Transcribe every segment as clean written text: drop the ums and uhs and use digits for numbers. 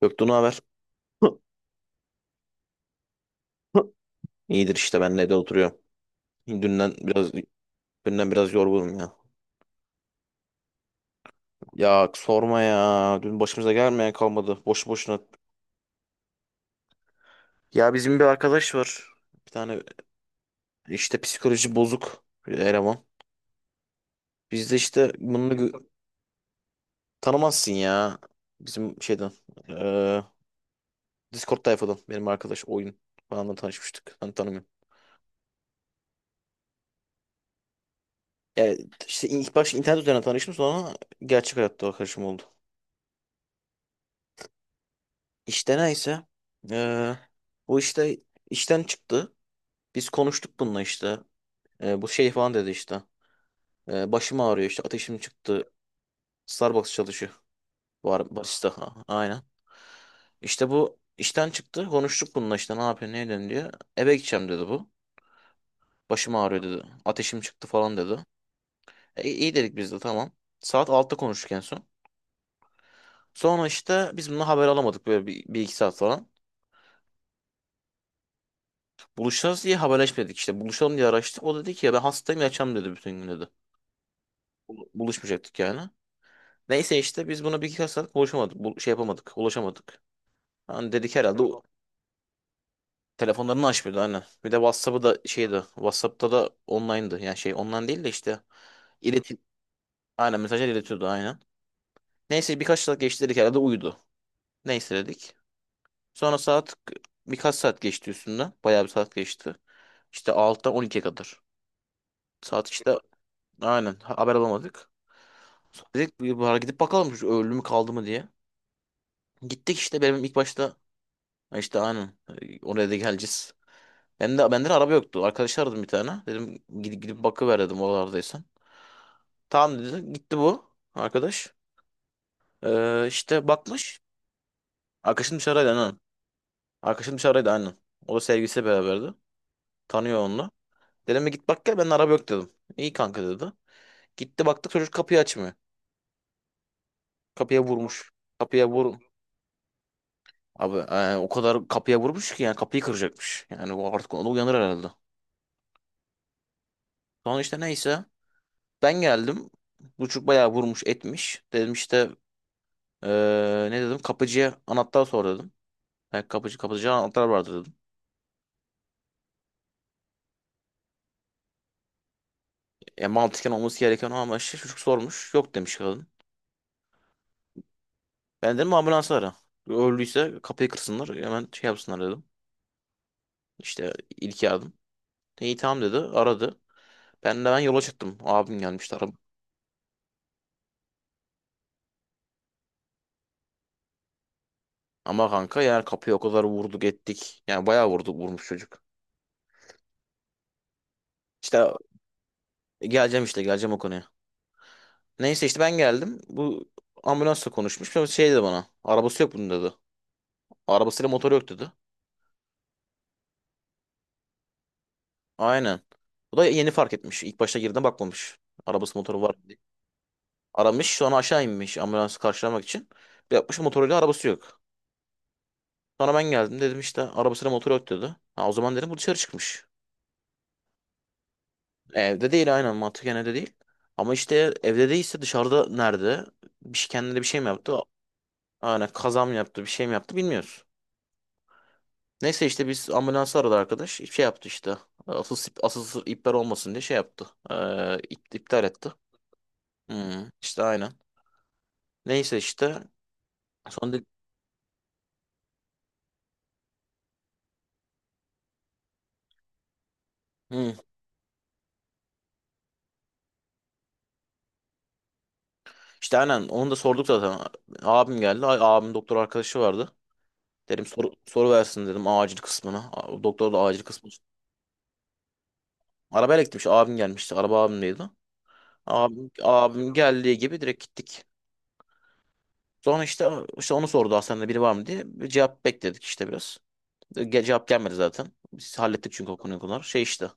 Göktuğ ne haber? İyidir işte ben de oturuyorum. Dünden biraz dünden biraz yorgunum ya. Ya sorma ya. Dün başımıza gelmeyen kalmadı. Boş boşuna. Ya bizim bir arkadaş var. Bir tane işte psikoloji bozuk bir eleman. Biz de işte bunu gö-. Tanımazsın ya. Bizim şeyden eee Discord tayfadan benim arkadaş oyun falanla tanışmıştık. Ben tanımıyorum. Yani işte ilk başta internet üzerinden tanıştım sonra gerçek hayatta arkadaşım oldu. İşte neyse. Ee, Bu işte işten çıktı. Biz konuştuk bununla işte. Bu şey falan dedi işte. Başım ağrıyor işte ateşim çıktı. Starbucks çalışıyor. Var barista. Ha, aynen. İşte bu işten çıktı. Konuştuk bununla işte ne yapıyorsun ne ediyorsun diye. Eve gideceğim dedi bu. Başım ağrıyor dedi. Ateşim çıktı falan dedi. E, iyi dedik biz de tamam. Saat 6'da konuştuk en son. Sonra işte biz bununla haber alamadık böyle bir iki saat falan. Buluşacağız diye haberleşmedik işte. Buluşalım diye araştık. O dedi ki ya ben hastayım yatacağım dedi bütün gün dedi. Buluşmayacaktık yani. Neyse işte biz buna bir iki saat konuşamadık. Bu, şey yapamadık. Ulaşamadık. Hani dedik herhalde o- telefonlarını açmıyordu aynen. Bir de WhatsApp'ı da şeydi. WhatsApp'ta da online'dı. Yani şey online değil de işte iletim. Aynen mesajlar iletiyordu aynen. Neyse birkaç saat geçti dedik herhalde uyudu. Neyse dedik. Sonra saat birkaç saat geçti üstünden. Bayağı bir saat geçti. İşte altıdan on 12'ye kadar. Saat işte aynen haber alamadık. Dedik bir bari gidip bakalım şu ölü mü kaldı mı diye. Gittik işte benim ilk başta. Ha işte aynen, oraya da geleceğiz. Ben de benden araba yoktu. Arkadaş aradım bir tane. Dedim gidip bakıver dedim oralardaysan. Tamam dedi. Gitti bu arkadaş. İşte bakmış. Arkadaşım dışarıdaydı aynen. Arkadaşım dışarıdaydı aynen. O da sevgilisiyle beraberdi. Tanıyor onunla. Dedim bir git bak gel benden araba yok dedim. İyi kanka dedi. Gitti baktık çocuk kapıyı açmıyor. Kapıya vurmuş. Kapıya vur. Abi o kadar kapıya vurmuş ki yani kapıyı kıracakmış. Yani bu artık onu uyanır herhalde. Sonra işte neyse ben geldim. Bu çocuk bayağı vurmuş etmiş. Dedim işte e, ne dedim kapıcıya anahtar sor dedim. Ben kapıcıya anahtar vardı dedim. E, mantıken olması gereken o ama işte çocuk sormuş. Yok demiş kadın. Ben dedim ambulansı ara. Öldüyse kapıyı kırsınlar hemen şey yapsınlar dedim. İşte ilk yardım. İyi tamam dedi aradı. Ben de ben yola çıktım. Abim gelmişti. Ama kanka yani kapıya o kadar vurduk ettik. Yani bayağı vurduk vurmuş çocuk. İşte geleceğim işte geleceğim o konuya. Neyse işte ben geldim. Bu ambulansla konuşmuş. Sonra şey dedi bana. Arabası yok bunun dedi. Arabasıyla motoru yok dedi. Aynen. Bu da yeni fark etmiş. İlk başta girdiğinde bakmamış. Arabası motoru var mı diye. Aramış sonra aşağı inmiş ambulansı karşılamak için. Bir yapmış motoruyla arabası yok. Sonra ben geldim dedim işte arabasıyla motoru yok dedi. Ha, o zaman dedim bu dışarı çıkmış. Evde değil aynen mantıken evde değil. Ama işte evde değilse dışarıda nerede? Bir şey, kendine bir şey mi yaptı? Aynen kaza mı yaptı bir şey mi yaptı bilmiyoruz. Neyse işte biz ambulansı aradı arkadaş. Şey yaptı işte. Asıl iptal olmasın diye şey yaptı. İptal etti. Hmm, işte aynen. Neyse işte. Sonra Hmm, işte aynen onu da sorduk zaten. Abim geldi. Ay, abim doktor arkadaşı vardı. Dedim soru versin dedim acil kısmına. Doktor da acil kısmı. Arabayla gitmiş abim gelmişti. Araba abimdeydi. Abim geldiği gibi direkt gittik. Sonra işte onu sordu hastanede biri var mı diye. Bir cevap bekledik işte biraz. Cevap gelmedi zaten. Biz hallettik çünkü o konuyu konular. Şey işte.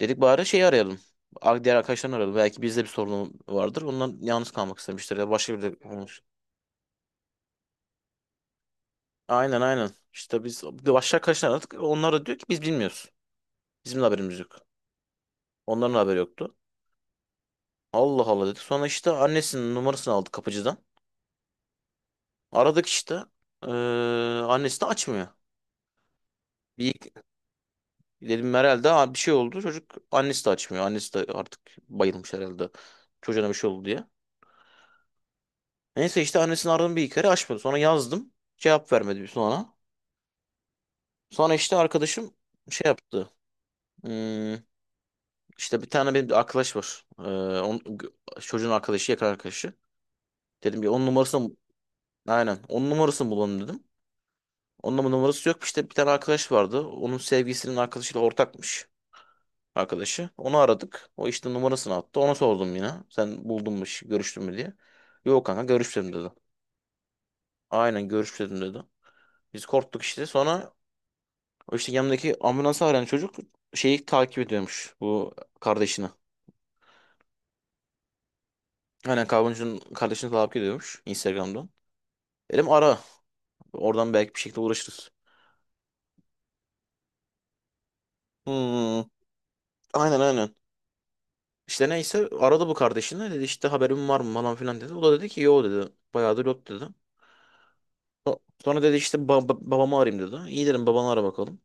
Dedik bari şeyi arayalım. Diğer arkadaşlarını arayalım. Belki bizde bir sorun vardır. Ondan yalnız kalmak istemiştir. Ya da başka bir de olmuş. Aynen aynen. İşte biz başka arkadaşlar aradık. Onlar da diyor ki biz bilmiyoruz. Bizim de haberimiz yok. Onların da haberi yoktu. Allah Allah dedik. Sonra işte annesinin numarasını aldık kapıcıdan. Aradık işte. Ee, annesi de açmıyor. Bir, Dedim herhalde "Aa, bir şey oldu. Çocuk annesi de açmıyor. Annesi de artık bayılmış herhalde. Çocuğuna bir şey oldu diye. Neyse işte annesini aradım bir iki kere açmadı. Sonra yazdım. Cevap vermedi bir sonra. Sonra işte arkadaşım şey yaptı. Hmm, işte bir tane benim bir arkadaş var. Onun, çocuğun arkadaşı yakın arkadaşı. Dedim ya onun numarasını aynen onun numarasını bulalım dedim. Onun ama numarası yok. İşte bir tane arkadaş vardı. Onun sevgilisinin arkadaşıyla ortakmış. Arkadaşı. Onu aradık. O işte numarasını attı. Ona sordum yine. Sen buldun mu, görüştün mü diye. Yok kanka görüşmedim dedi. Aynen görüşmedim dedi. Biz korktuk işte. Sonra o işte yanındaki ambulansı arayan çocuk şeyi takip ediyormuş. Bu kardeşini. Aynen kavguncunun kardeşini takip ediyormuş Instagram'dan. Dedim ara. Oradan belki bir şekilde uğraşırız. Hmm, aynen aynen. İşte neyse aradı bu kardeşini dedi işte haberin var mı falan filan dedi. O da dedi ki yo dedi. Bayağıdır yok dedi. So- Sonra dedi işte babamı arayayım dedi. İyi dedim babanı ara bakalım.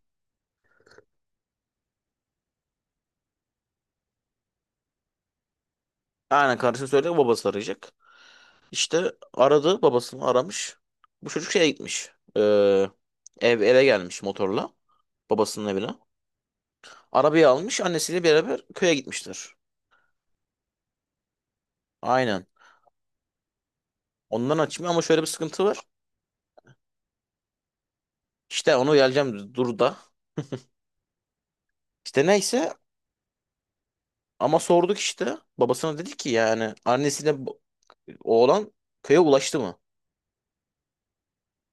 Aynen kardeşim söyledi babası arayacak. İşte aradı babasını aramış. Bu çocuk şeye gitmiş. Ee, eve gelmiş motorla. Babasının evine. Arabayı almış annesiyle beraber köye gitmişler. Aynen. Ondan açmıyor ama şöyle bir sıkıntı var. İşte onu geleceğim dur da. İşte neyse ama sorduk işte. Babasına dedi ki yani annesiyle oğlan köye ulaştı mı?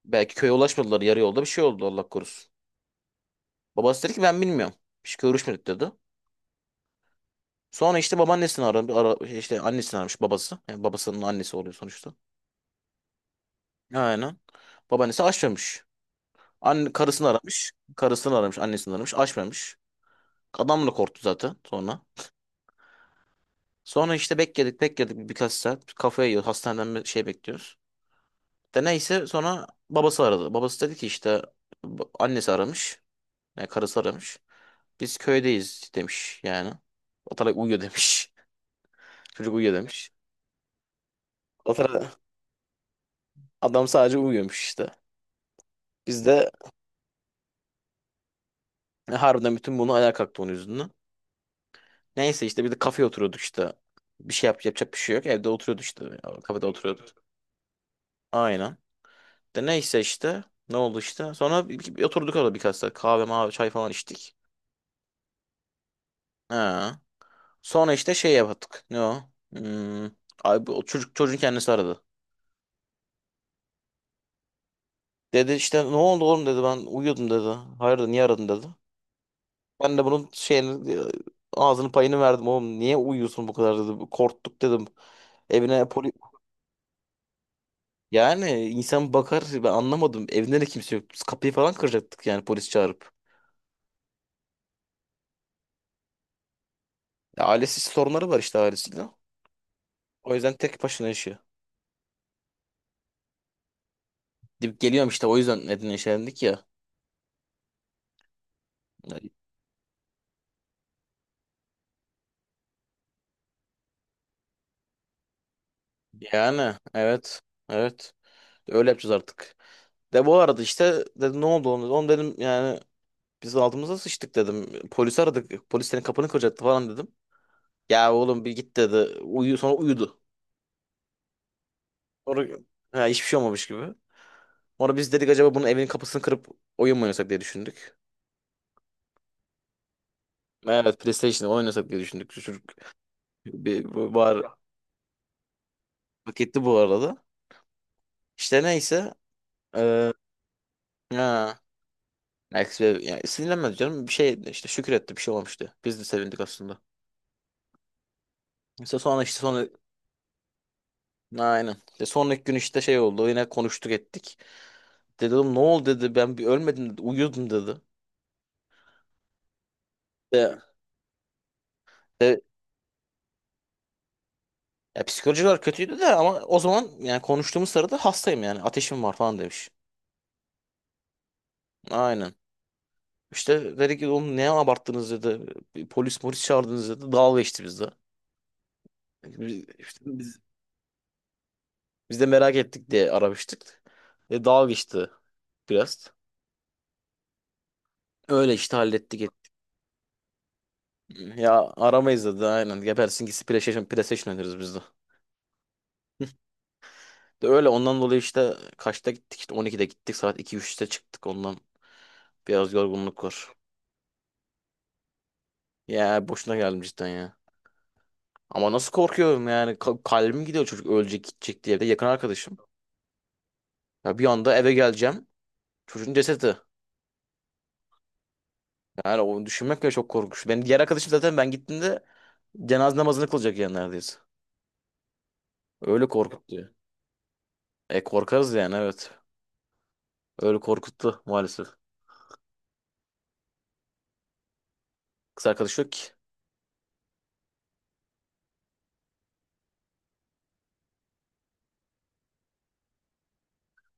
Belki köye ulaşmadılar yarı yolda bir şey oldu Allah korusun. Babası dedi ki ben bilmiyorum. Hiç görüşmedik dedi. Sonra işte babaannesini aradı. Şey işte annesini aramış babası. Yani babasının annesi oluyor sonuçta. Aynen. Babaannesi açmamış. Karısını aramış. Karısını aramış. Annesini aramış. Açmamış. Adam da korktu zaten sonra. Sonra işte bekledik bekledik birkaç saat. Kafayı yiyor. Hastaneden bir şey bekliyoruz. De neyse sonra babası aradı. Babası dedi ki işte annesi aramış. Yani karısı aramış. Biz köydeyiz demiş yani. Atarak uyuyor demiş. Çocuk uyuyor demiş. O sıra adam sadece uyuyormuş işte. Biz de harbiden bütün bunu ayağa kalktı onun yüzünden. Neyse işte bir de kafeye oturuyorduk işte. Bir şey yapacak bir şey yok. Evde oturuyorduk işte. Kafede oturuyorduk. Aynen. De neyse işte. Ne oldu işte. Sonra bir oturduk orada birkaç saat. Kahve, mavi, çay falan içtik. Ha. Sonra işte şey yaptık. Ne o? Hmm. Abi, o çocuk, çocuğun kendisi aradı. Dedi işte ne oldu oğlum dedi ben uyuyordum dedi. Hayırdır niye aradın dedi. Ben de bunun şeyini ağzını payını verdim oğlum. Niye uyuyorsun bu kadar dedim. Korktuk dedim. Evine polis yani insan bakar ben anlamadım. Evinde de kimse yok. Biz kapıyı falan kıracaktık yani polis çağırıp. Ya ailesi sorunları var işte ailesiyle. O yüzden tek başına yaşıyor. Dip geliyorum işte o yüzden Edirne işelendik ya. Yani evet. Evet. Öyle yapacağız artık. De bu arada işte dedim ne oldu onu. Onu dedim yani biz altımıza sıçtık dedim. Polisi aradık. Polis senin kapını kıracaktı falan dedim. Ya oğlum bir git dedi. Uyu, sonra uyudu. Sonra ha, hiçbir şey olmamış gibi. Sonra biz dedik acaba bunun evinin kapısını kırıp oyun mu oynasak diye düşündük. Evet PlayStation'da oynasak diye düşündük. Şu çocuk var, hak etti bu arada. İşte neyse. Ee, ha, Alex Bey- yani sinirlenmedi canım. Bir şey işte şükür etti bir şey olmamıştı. Biz de sevindik aslında. İşte sonra aynen. İşte sonraki gün işte şey oldu. Yine konuştuk ettik. Dedim ne oldu dedi ben bir ölmedim dedi. Uyuyordum dedi. De, Ya psikolojikler kötüydü de ama o zaman yani konuştuğumuz sırada hastayım yani ateşim var falan demiş. Aynen. İşte dedi ki oğlum ne abarttınız dedi. Bir polis çağırdınız dedi. Dalga geçti bizde. Biz, işte biz, biz de merak ettik diye aramıştık. E, dalga geçti biraz. Öyle işte hallettik. Ya aramayız dedi aynen. Gebersin gitsin PlayStation oynarız biz de. De öyle ondan dolayı işte kaçta gittik işte 12'de gittik saat 2-3'te çıktık ondan. Biraz yorgunluk var. Ya boşuna geldim cidden ya. Ama nasıl korkuyorum yani. Kalbim gidiyor çocuk ölecek gidecek diye. Bir de yakın arkadaşım. Ya bir anda eve geleceğim. Çocuğun cesedi. Yani onu düşünmek bile çok korkunç. Benim diğer arkadaşım zaten ben gittiğimde cenaze namazını kılacak yani neredeyse. Öyle korkuttu. E korkarız yani evet. Öyle korkuttu maalesef. Kız arkadaşı yok ki.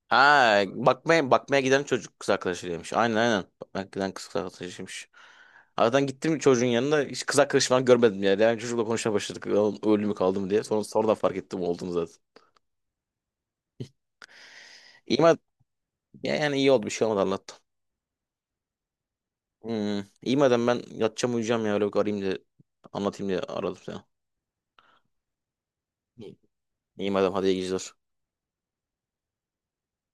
Ha bakmaya bakmaya giden çocuk kız arkadaşıymış. Aynen aynen. Bakmaya giden kız arkadaşıymış. Aradan gittim çocuğun yanına hiç kız arkadaşı falan görmedim yani. Yani çocukla konuşmaya başladık. Oğlum öldü mü kaldı mı diye. Sonra sonradan fark ettim olduğunu zaten. İyi. Ya yani iyi oldu bir şey olmadı Allah'tan. Hmm. İyi madem ben yatacağım uyuyacağım ya. Öyle bir arayayım da anlatayım diye aradım sana. İyi, iyi madem hadi iyi geceler.